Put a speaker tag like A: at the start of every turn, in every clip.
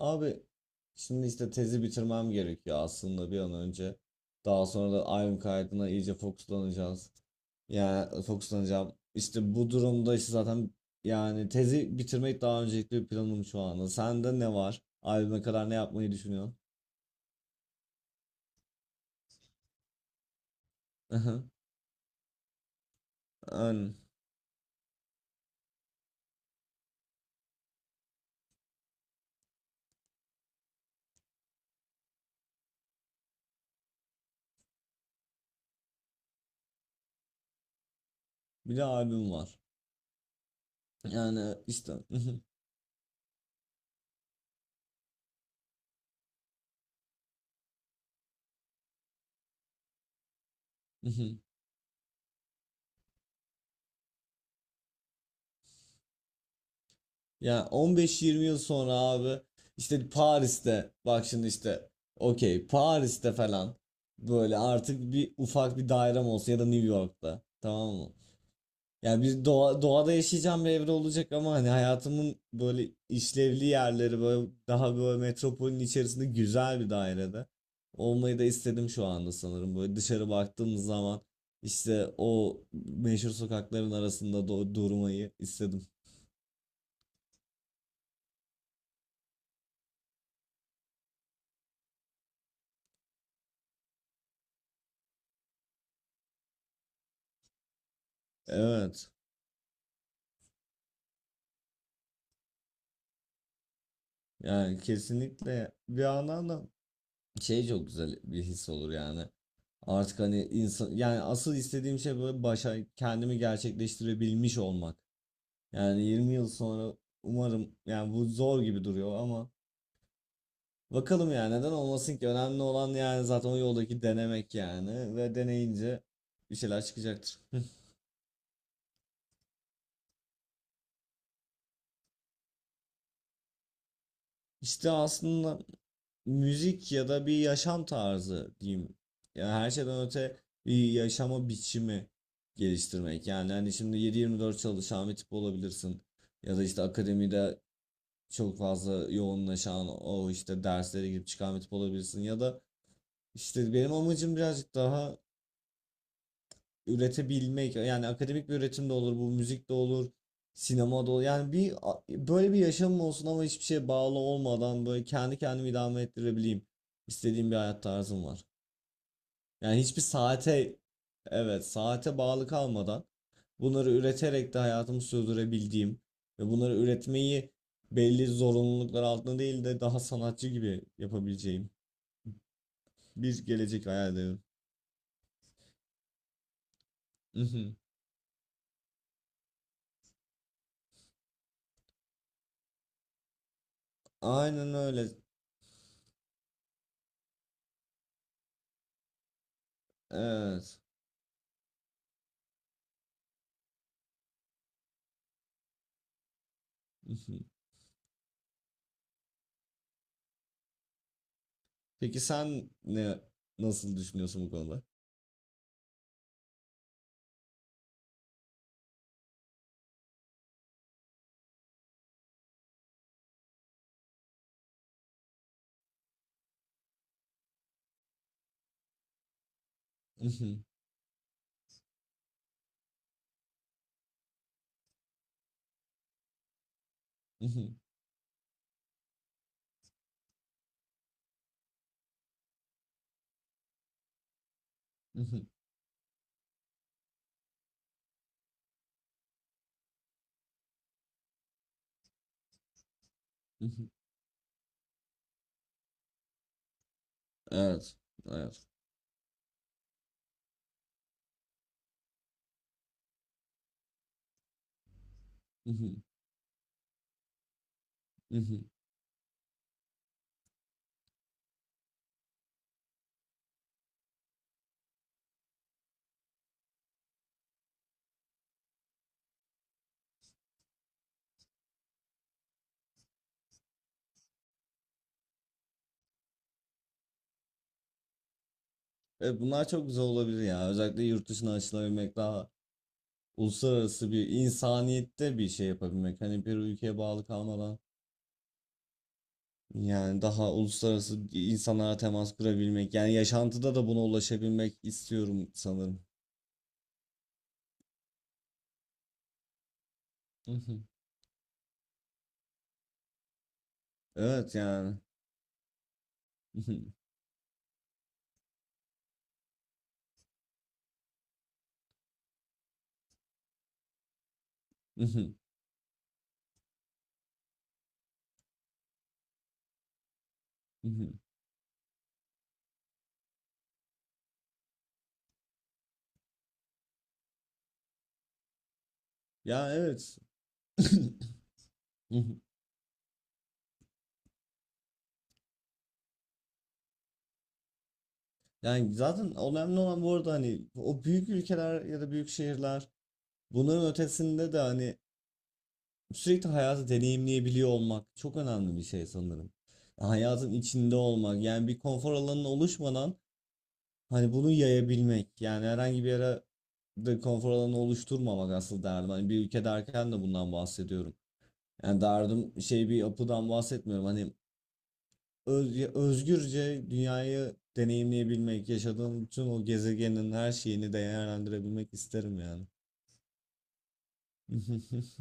A: Abi, şimdi işte tezi bitirmem gerekiyor aslında bir an önce. Daha sonra da albüm kaydına iyice fokuslanacağız. Yani fokuslanacağım. İşte bu durumda işte zaten yani tezi bitirmek daha öncelikli bir planım şu anda. Sende ne var? Albüme kadar ne yapmayı düşünüyorsun? Yani bir de albüm var. Yani işte. Yani 15-20 yıl sonra abi, işte Paris'te. Bak şimdi işte, okey, Paris'te falan böyle artık bir ufak bir dairem olsun ya da New York'ta, tamam mı? Yani doğada yaşayacağım bir evre olacak ama hani hayatımın böyle işlevli yerleri böyle daha böyle metropolün içerisinde güzel bir dairede olmayı da istedim şu anda sanırım. Böyle dışarı baktığımız zaman işte o meşhur sokakların arasında durmayı istedim. Evet. Yani kesinlikle bir yandan da şey, çok güzel bir his olur yani. Artık hani insan, yani asıl istediğim şey böyle başa kendimi gerçekleştirebilmiş olmak. Yani 20 yıl sonra umarım, yani bu zor gibi duruyor ama bakalım, yani neden olmasın ki? Önemli olan yani zaten o yoldaki denemek yani, ve deneyince bir şeyler çıkacaktır. İşte aslında müzik ya da bir yaşam tarzı diyeyim. Yani her şeyden öte bir yaşama biçimi geliştirmek. Yani hani şimdi 7-24 çalışan bir tip olabilirsin. Ya da işte akademide çok fazla yoğunlaşan, o işte derslere girip çıkan bir tip olabilirsin. Ya da işte benim amacım birazcık daha üretebilmek. Yani akademik bir üretim de olur, bu müzik de olur. Sinema da olur. Yani bir böyle bir yaşamım olsun ama hiçbir şeye bağlı olmadan böyle kendi kendimi idame ettirebileyim. İstediğim bir hayat tarzım var. Yani hiçbir saate, evet saate bağlı kalmadan bunları üreterek de hayatımı sürdürebildiğim ve bunları üretmeyi belli zorunluluklar altında değil de daha sanatçı gibi yapabileceğim bir gelecek hayal ediyorum. Mhm. Aynen öyle. Evet. Mhm. Peki sen nasıl düşünüyorsun bu konuda? Mhm. Mhm. Mhm. Mhm. Evet. Evet. Mhm. Mhm. Evet, bunlar çok güzel olabilir ya. Özellikle yurt dışına açılabilmek, daha uluslararası bir insaniyette bir şey yapabilmek. Hani bir ülkeye bağlı kalmadan yani daha uluslararası insanlara temas kurabilmek. Yani yaşantıda da buna ulaşabilmek istiyorum sanırım. Mhm. Evet yani. Mhm. Mhm. Mhm. Ya evet. Mhm. Yani zaten önemli olan bu arada hani o büyük ülkeler ya da büyük şehirler, bunların ötesinde de hani sürekli hayatı deneyimleyebiliyor olmak çok önemli bir şey sanırım. Hayatın içinde olmak yani, bir konfor alanının oluşmadan hani bunu yayabilmek yani, herhangi bir yere de konfor alanı oluşturmamak asıl derdim. Hani bir ülke derken de bundan bahsediyorum. Yani derdim şey, bir yapıdan bahsetmiyorum. Hani özgürce dünyayı deneyimleyebilmek, yaşadığım bütün o gezegenin her şeyini değerlendirebilmek isterim yani.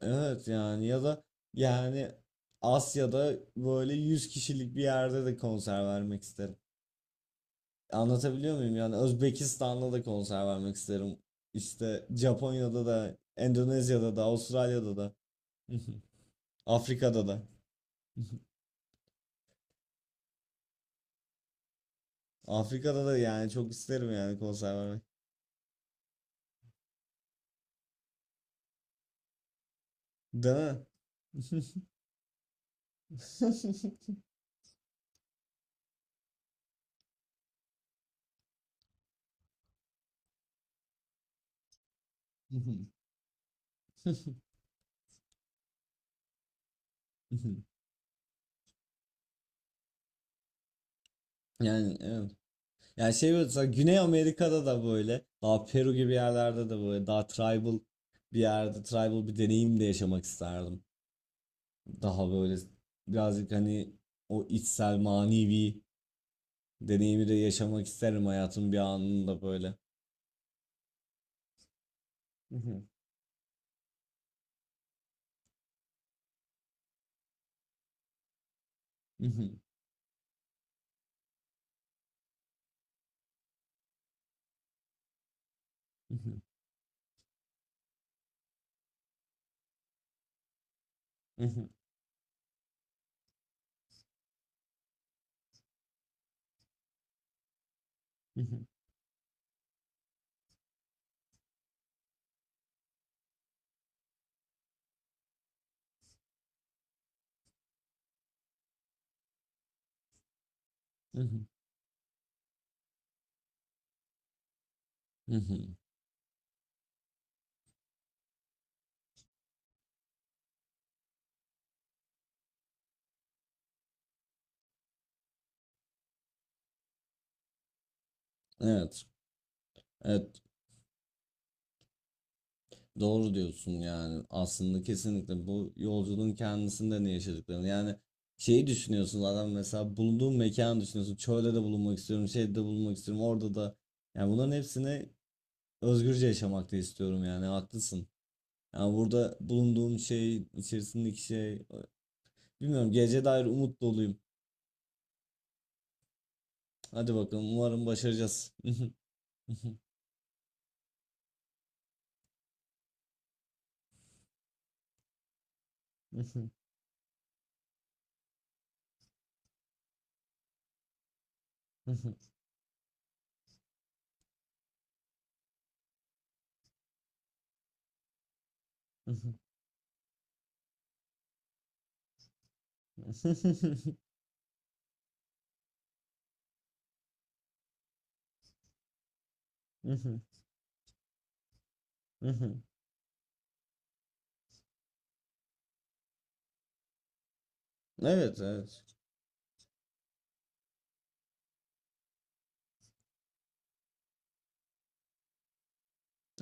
A: Evet yani, ya da yani Asya'da böyle 100 kişilik bir yerde de konser vermek isterim. Anlatabiliyor muyum? Yani Özbekistan'da da konser vermek isterim. İşte Japonya'da da, Endonezya'da da, Avustralya'da da, Afrika'da da. Afrika'da da yani, çok isterim yani konser vermek. Değil mi? Yani evet. Yani şey böyle, mesela Güney Amerika'da da böyle daha Peru gibi yerlerde de böyle daha tribal bir yerde, tribal bir deneyim de yaşamak isterdim. Daha böyle birazcık hani o içsel manevi deneyimi de yaşamak isterim hayatın bir anında böyle. Evet. Evet. Doğru diyorsun. Yani aslında kesinlikle bu yolculuğun kendisinde ne yaşadıklarını, yani şeyi düşünüyorsun adam, mesela bulunduğun mekanı düşünüyorsun, çölde de bulunmak istiyorum, şeyde de bulunmak istiyorum, orada da, yani bunların hepsini özgürce yaşamak da istiyorum yani. Haklısın. Yani burada bulunduğum şey içerisindeki şey, bilmiyorum, geleceğe dair umut doluyum. Hadi bakalım, umarım başaracağız. Evet, evet,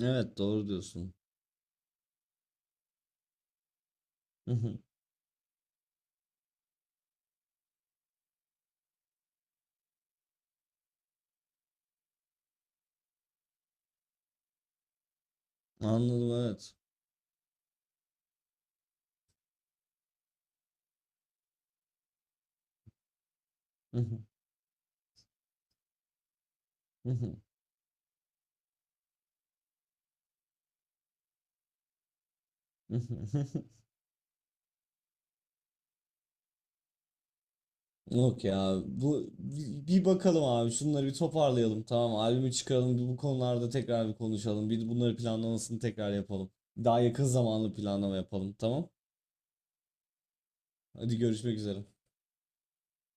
A: evet, doğru diyorsun. Hı hı. Anladım, evet. Hı hı. Hı hı. Hı hı. Yok ya, bu bir bakalım abi, şunları bir toparlayalım, tamam, albümü çıkaralım bir, bu konularda tekrar bir konuşalım, bir bunları planlamasını tekrar yapalım. Daha yakın zamanlı planlama yapalım, tamam. Hadi görüşmek üzere.